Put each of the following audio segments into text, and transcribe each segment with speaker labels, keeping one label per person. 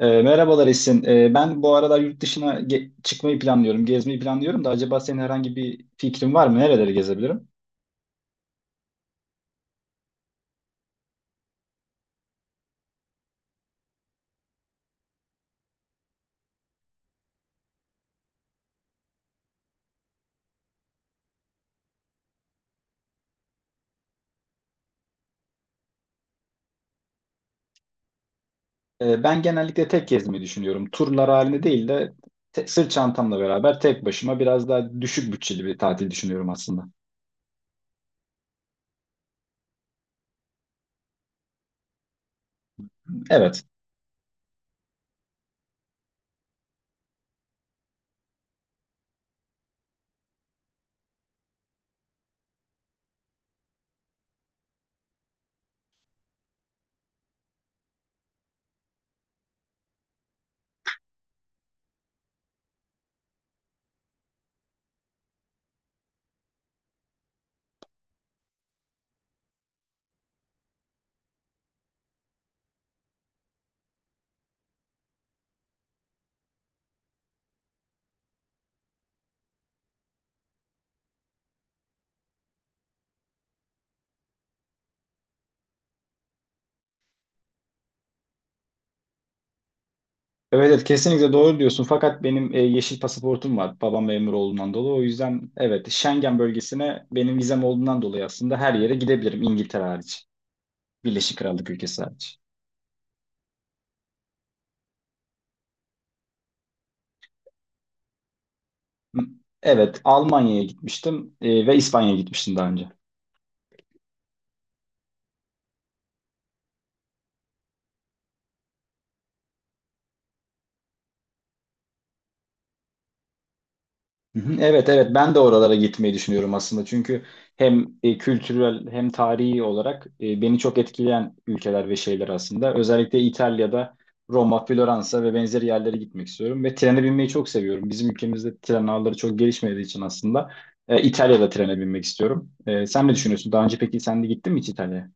Speaker 1: Merhabalar Esin. Ben bu aralar yurt dışına çıkmayı planlıyorum, gezmeyi planlıyorum da acaba senin herhangi bir fikrin var mı? Nereleri gezebilirim? Ben genellikle tek gezmeyi düşünüyorum. Turlar halinde değil de sırt çantamla beraber tek başıma biraz daha düşük bütçeli bir tatil düşünüyorum aslında. Evet. Evet, evet, kesinlikle doğru diyorsun. Fakat benim yeşil pasaportum var. Babam memur olduğundan dolayı. O yüzden evet, Schengen bölgesine benim vizem olduğundan dolayı aslında her yere gidebilirim, İngiltere hariç. Birleşik Krallık ülkesi hariç. Evet, Almanya'ya gitmiştim ve İspanya'ya gitmiştim daha önce. Hı hı, evet, evet, ben de oralara gitmeyi düşünüyorum aslında. Çünkü hem kültürel hem tarihi olarak beni çok etkileyen ülkeler ve şeyler aslında. Özellikle İtalya'da Roma, Floransa ve benzeri yerlere gitmek istiyorum ve trene binmeyi çok seviyorum. Bizim ülkemizde tren ağları çok gelişmediği için aslında İtalya'da trene binmek istiyorum. E, sen ne düşünüyorsun? Daha önce peki sen de gittin mi hiç İtalya'ya?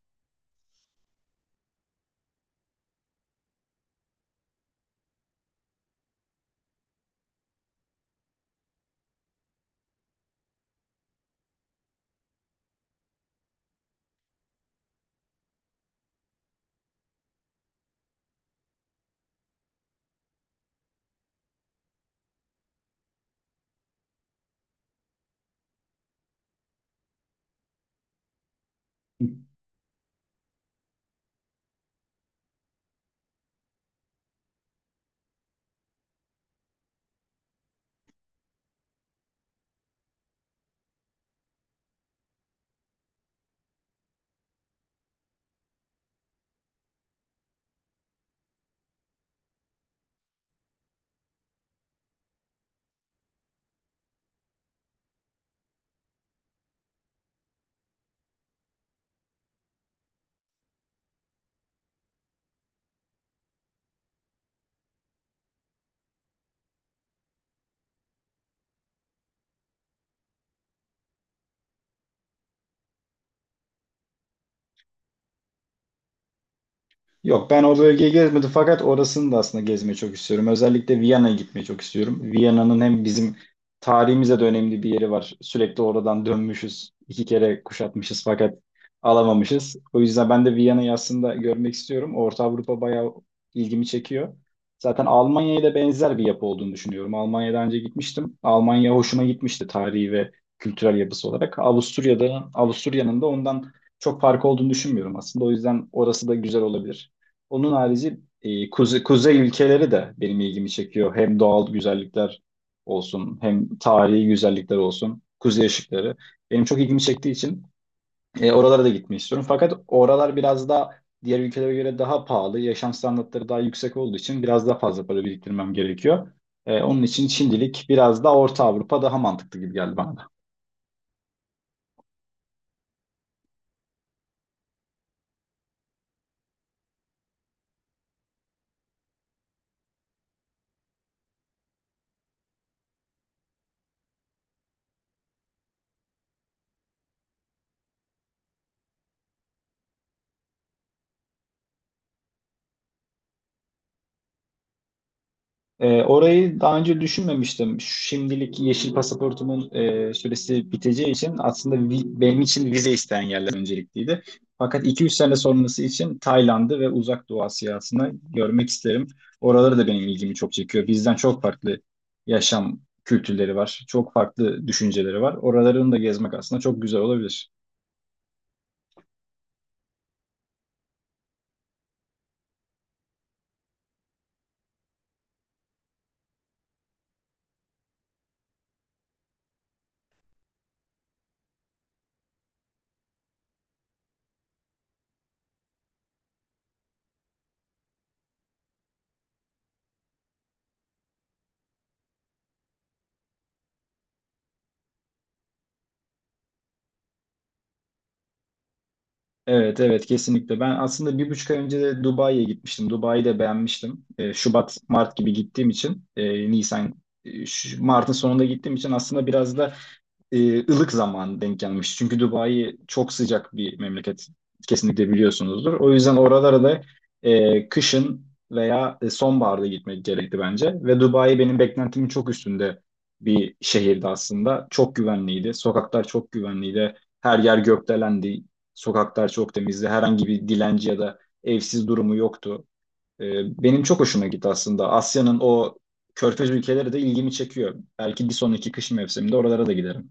Speaker 1: Yok, ben o bölgeyi gezmedim fakat orasını da aslında gezmeyi çok istiyorum. Özellikle Viyana'ya gitmeyi çok istiyorum. Viyana'nın hem bizim tarihimize de önemli bir yeri var. Sürekli oradan dönmüşüz. İki kere kuşatmışız fakat alamamışız. O yüzden ben de Viyana'yı aslında görmek istiyorum. Orta Avrupa bayağı ilgimi çekiyor. Zaten Almanya'ya da benzer bir yapı olduğunu düşünüyorum. Almanya'dan önce gitmiştim. Almanya hoşuma gitmişti tarihi ve kültürel yapısı olarak. Avusturya'da, Avusturya'nın da ondan çok farkı olduğunu düşünmüyorum aslında. O yüzden orası da güzel olabilir. Onun harici kuzey ülkeleri de benim ilgimi çekiyor. Hem doğal güzellikler olsun, hem tarihi güzellikler olsun, kuzey ışıkları. Benim çok ilgimi çektiği için oralara da gitmek istiyorum. Fakat oralar biraz da diğer ülkelere göre daha pahalı, yaşam standartları daha yüksek olduğu için biraz daha fazla para biriktirmem gerekiyor. Onun için şimdilik biraz da Orta Avrupa daha mantıklı gibi geldi bana. Orayı daha önce düşünmemiştim. Şimdilik yeşil pasaportumun süresi biteceği için aslında benim için vize isteyen yerler öncelikliydi. Fakat 2-3 sene sonrası için Tayland'ı ve Uzak Doğu Asyasını görmek isterim. Oraları da benim ilgimi çok çekiyor. Bizden çok farklı yaşam kültürleri var. Çok farklı düşünceleri var. Oralarını da gezmek aslında çok güzel olabilir. Evet, evet, kesinlikle. Ben aslında 1,5 ay önce de Dubai'ye gitmiştim. Dubai'yi de beğenmiştim. Şubat, Mart gibi gittiğim için Nisan, Mart'ın sonunda gittiğim için aslında biraz da ılık zaman denk gelmiş. Çünkü Dubai çok sıcak bir memleket. Kesinlikle biliyorsunuzdur. O yüzden oralara da kışın veya sonbaharda gitmek gerekti bence. Ve Dubai benim beklentimin çok üstünde bir şehirdi aslında. Çok güvenliydi. Sokaklar çok güvenliydi. Her yer gökdelendi. Sokaklar çok temizdi. Herhangi bir dilenci ya da evsiz durumu yoktu. E, Benim çok hoşuma gitti aslında. Asya'nın o körfez ülkeleri de ilgimi çekiyor. Belki bir sonraki kış mevsiminde oralara da giderim.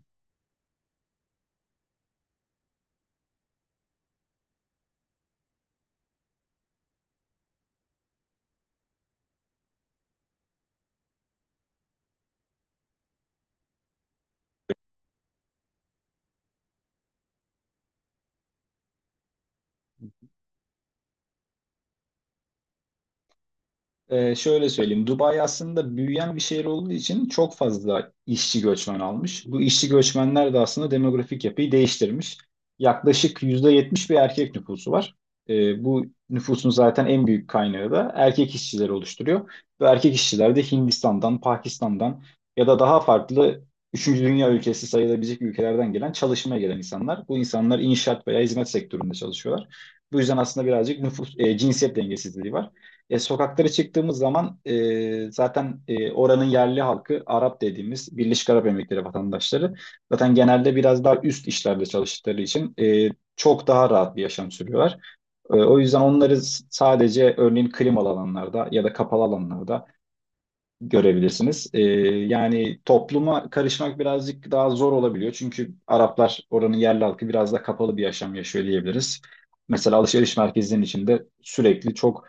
Speaker 1: Şöyle söyleyeyim. Dubai aslında büyüyen bir şehir olduğu için çok fazla işçi göçmen almış. Bu işçi göçmenler de aslında demografik yapıyı değiştirmiş. Yaklaşık %70 bir erkek nüfusu var. Bu nüfusun zaten en büyük kaynağı da erkek işçiler oluşturuyor. Ve erkek işçiler de Hindistan'dan, Pakistan'dan ya da daha farklı üçüncü dünya ülkesi sayılabilecek ülkelerden gelen, çalışmaya gelen insanlar. Bu insanlar inşaat veya hizmet sektöründe çalışıyorlar. Bu yüzden aslında birazcık nüfus, cinsiyet dengesizliği var. Sokaklara çıktığımız zaman zaten oranın yerli halkı Arap dediğimiz Birleşik Arap Emirlikleri vatandaşları zaten genelde biraz daha üst işlerde çalıştıkları için çok daha rahat bir yaşam sürüyorlar. O yüzden onları sadece örneğin klimalı alanlarda ya da kapalı alanlarda görebilirsiniz. Yani topluma karışmak birazcık daha zor olabiliyor. Çünkü Araplar, oranın yerli halkı, biraz da kapalı bir yaşam yaşıyor diyebiliriz. Mesela alışveriş merkezinin içinde sürekli çok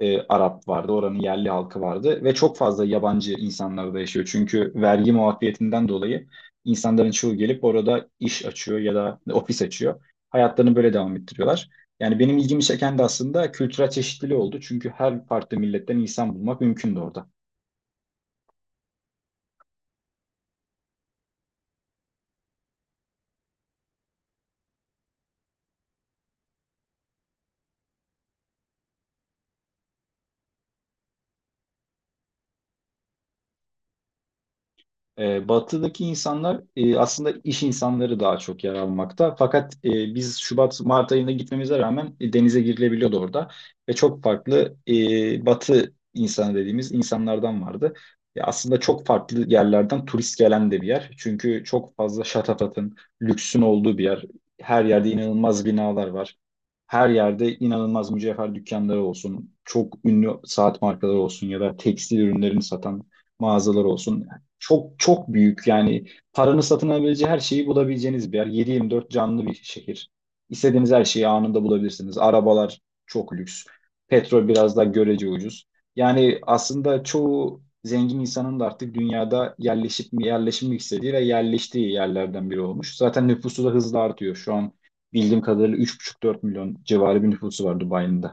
Speaker 1: Arap vardı, oranın yerli halkı vardı ve çok fazla yabancı insanlar da yaşıyor. Çünkü vergi muafiyetinden dolayı insanların çoğu gelip orada iş açıyor ya da ofis açıyor. Hayatlarını böyle devam ettiriyorlar. Yani benim ilgimi çeken de aslında kültürel çeşitliliği oldu. Çünkü her farklı milletten insan bulmak mümkündü orada. Batıdaki insanlar aslında iş insanları daha çok yer almakta. Fakat biz Şubat, Mart ayında gitmemize rağmen denize girilebiliyordu orada. Ve çok farklı batı insanı dediğimiz insanlardan vardı. Aslında çok farklı yerlerden turist gelen de bir yer. Çünkü çok fazla şatafatın, lüksün olduğu bir yer. Her yerde inanılmaz binalar var. Her yerde inanılmaz mücevher dükkanları olsun, çok ünlü saat markaları olsun ya da tekstil ürünlerini satan mağazalar olsun, çok çok büyük, yani paranın satın alabileceği her şeyi bulabileceğiniz bir yer. 7/24 canlı bir şehir. İstediğiniz her şeyi anında bulabilirsiniz. Arabalar çok lüks. Petrol biraz daha görece ucuz. Yani aslında çoğu zengin insanın da artık dünyada yerleşip mi yerleşmek istediği ve yerleştiği yerlerden biri olmuş. Zaten nüfusu da hızla artıyor. Şu an bildiğim kadarıyla 3,5-4 milyon civarı bir nüfusu var Dubai'nin de.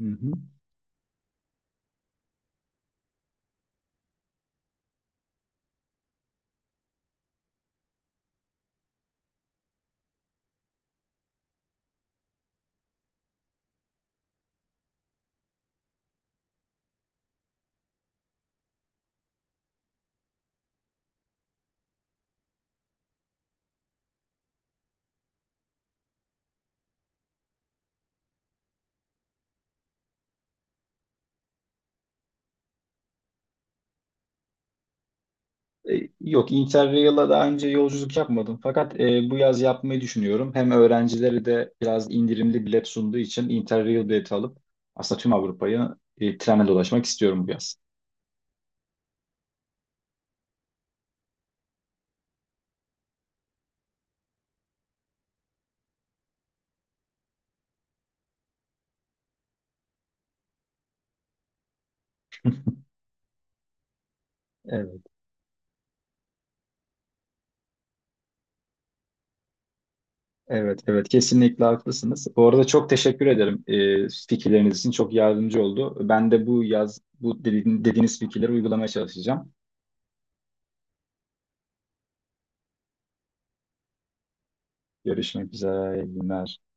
Speaker 1: Hı hı. Yok, Interrail'a daha önce yolculuk yapmadım. Fakat bu yaz yapmayı düşünüyorum. Hem öğrencileri de biraz indirimli bilet sunduğu için Interrail bileti alıp aslında tüm Avrupa'yı trenle dolaşmak istiyorum bu yaz. Evet, evet, evet. Kesinlikle haklısınız. Bu arada çok teşekkür ederim fikirleriniz için. Çok yardımcı oldu. Ben de bu yaz bu dediğiniz fikirleri uygulamaya çalışacağım. Görüşmek üzere. İyi günler.